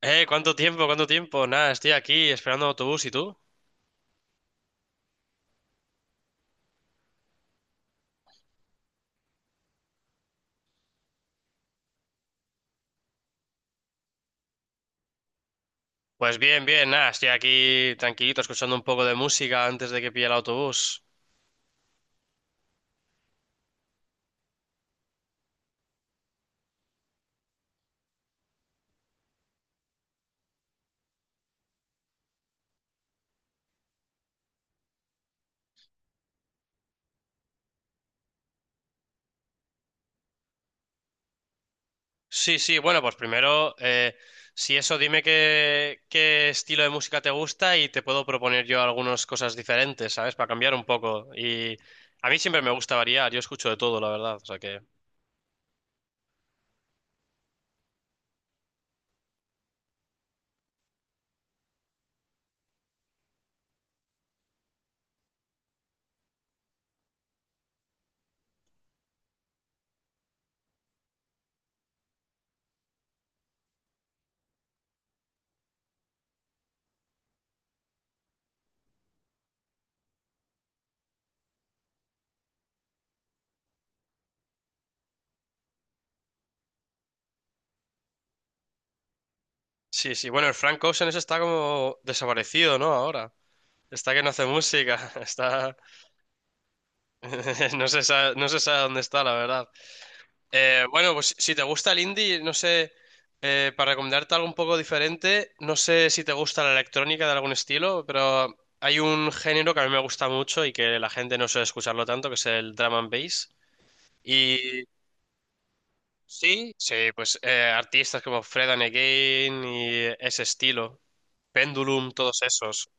¿Cuánto tiempo? ¿Cuánto tiempo? Nada, estoy aquí esperando el autobús. ¿Y tú? Pues bien, bien, nada, estoy aquí tranquilito escuchando un poco de música antes de que pille el autobús. Sí, sí, bueno, pues primero, si eso, dime qué estilo de música te gusta y te puedo proponer yo algunas cosas diferentes, ¿sabes? Para cambiar un poco. Y a mí siempre me gusta variar, yo escucho de todo, la verdad. O sea que... Sí, sí, bueno, el Frank Ocean ese está como desaparecido, ¿no? Ahora. Está que no hace música, está... no se sabe dónde está, la verdad. Bueno, pues si te gusta el indie, no sé, para recomendarte algo un poco diferente, no sé si te gusta la electrónica de algún estilo, pero hay un género que a mí me gusta mucho y que la gente no suele escucharlo tanto, que es el drum and bass. Y sí, sí, pues artistas como Fred and Again y ese estilo, Pendulum, todos esos.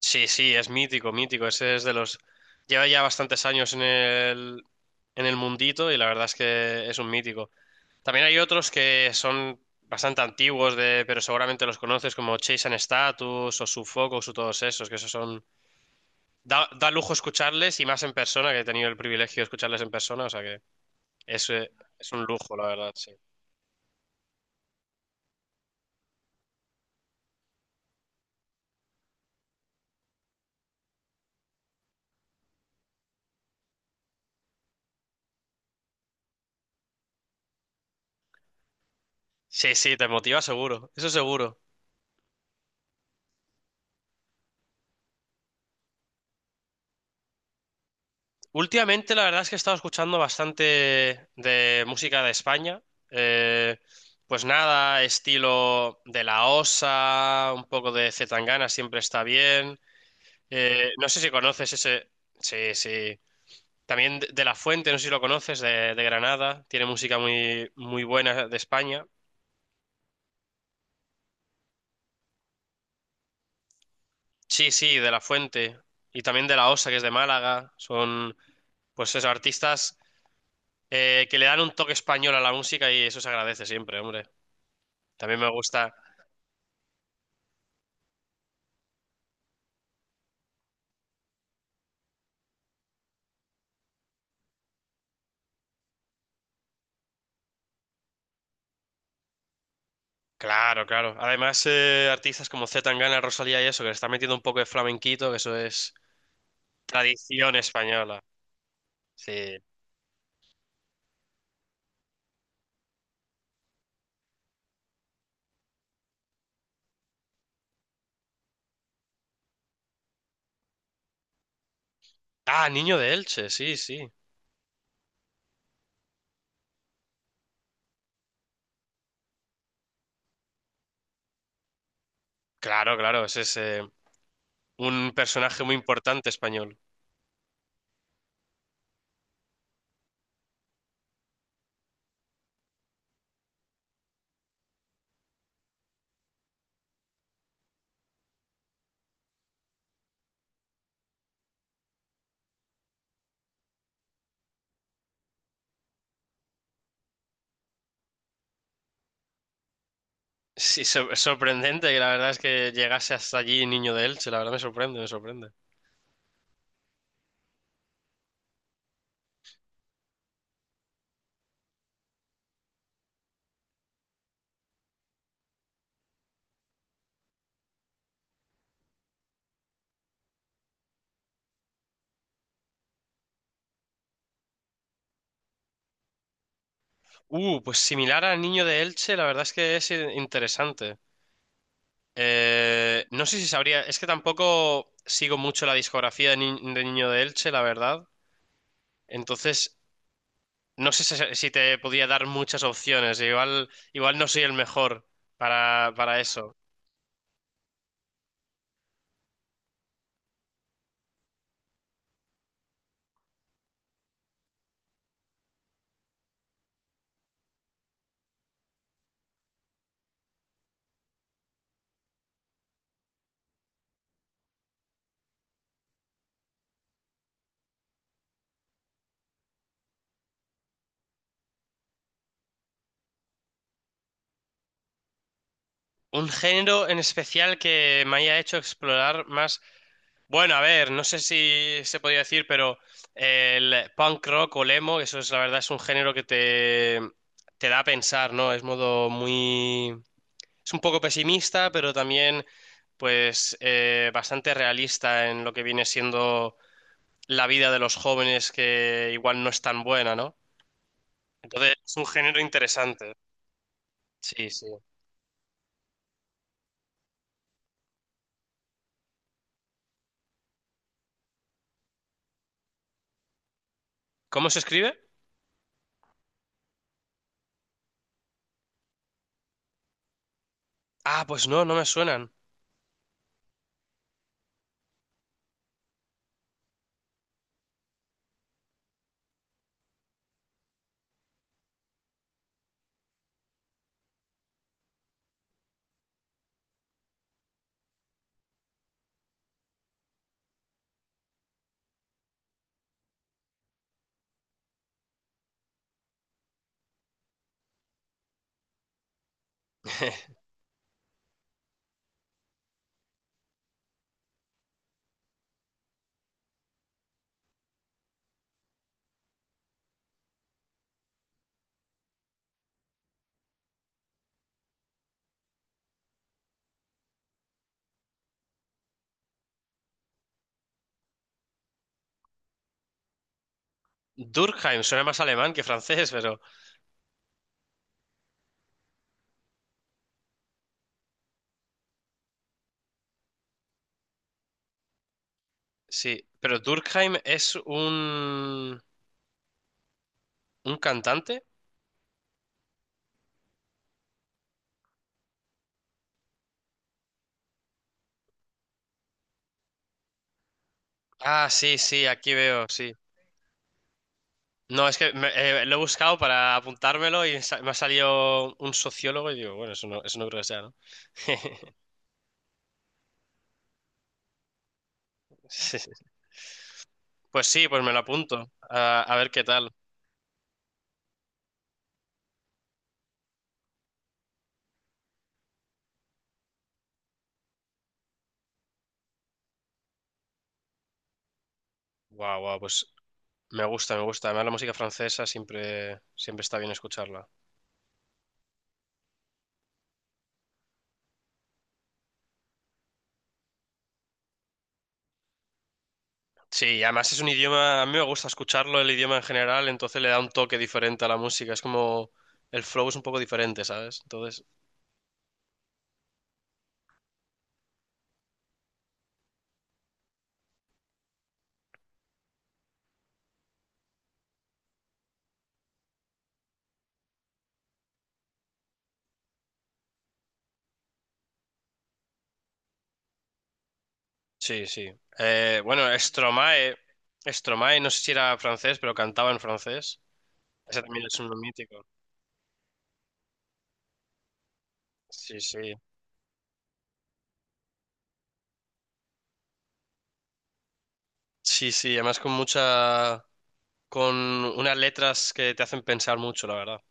Sí, sí, es mítico, mítico, ese es de los... Lleva ya bastantes años en el mundito y la verdad es que es un mítico. También hay otros que son bastante antiguos, de, pero seguramente los conoces, como Chase and Status o Sufocus o todos esos, que esos son... Da, da lujo escucharles y más en persona, que he tenido el privilegio de escucharles en persona, o sea que es, eh, es un lujo, la verdad, sí. Sí, sí, te motiva seguro, eso seguro. Últimamente la verdad es que he estado escuchando bastante de música de España. eh, pues nada, estilo de La Osa, un poco de C. Tangana siempre está bien. No sé si conoces ese. Sí, sí. También de La Fuente, no sé si lo conoces, de Granada. Tiene música muy, muy buena de España. Sí, sí, de La Fuente. Y también de La Osa, que es de Málaga. Son, pues esos artistas que le dan un toque español a la música y eso se agradece siempre, hombre. También me gusta. Claro, claro. Además, artistas como C. Tangana, Rosalía y eso, que le están metiendo un poco de flamenquito, que eso es tradición española. Sí. Ah, Niño de Elche, sí, sí. Claro, claro, ese es... un personaje muy importante español. Es sorprendente que la verdad es que llegase hasta allí Niño de Elche, la verdad me sorprende, me sorprende. Pues similar a Niño de Elche, la verdad es que es interesante. No sé si sabría, es que tampoco sigo mucho la discografía de, Ni- de Niño de Elche, la verdad. Entonces, no sé si te podría dar muchas opciones, igual, igual no soy el mejor para eso. Un género en especial que me haya hecho explorar más. Bueno, a ver, no sé si se podía decir, pero el punk rock o el emo, eso es la verdad, es un género te da a pensar, ¿no? Es modo muy... Es un poco pesimista, pero también, pues, bastante realista en lo que viene siendo la vida de los jóvenes, que igual no es tan buena, ¿no? Entonces, es un género interesante. Sí, sí. ¿Cómo se escribe? Ah, pues no, no me suenan. Durkheim, suena más alemán que francés. Sí, pero Durkheim es un cantante. Ah, sí, sí, aquí veo, sí. No, es que lo he buscado para apuntármelo y me ha salido un sociólogo y digo, bueno, eso no creo que sea, ¿no? Sí, sí. Pues sí, pues me lo apunto. A ver qué tal. Guau, guau, pues me gusta, me gusta. Además, la música francesa siempre, siempre está bien escucharla. Sí, y además es un idioma, a mí me gusta escucharlo, el idioma en general, entonces le da un toque diferente a la música. Es como el flow es un poco diferente, ¿sabes? Entonces sí, sí. Bueno, Stromae, Stromae, no sé si era francés, pero cantaba en francés. Ese también es un mítico. Sí, sí. Sí, sí, además con mucha, con unas letras que te hacen pensar mucho, la verdad.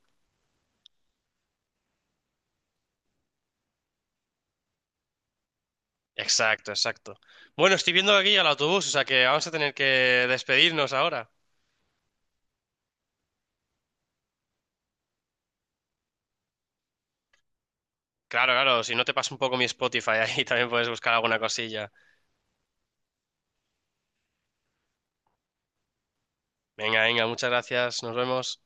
Exacto, exacto. Bueno, estoy viendo aquí al autobús, o sea que vamos a tener que despedirnos ahora. Claro, claro, si no te paso un poco mi Spotify ahí, también puedes buscar alguna cosilla. Venga, venga, muchas gracias, nos vemos.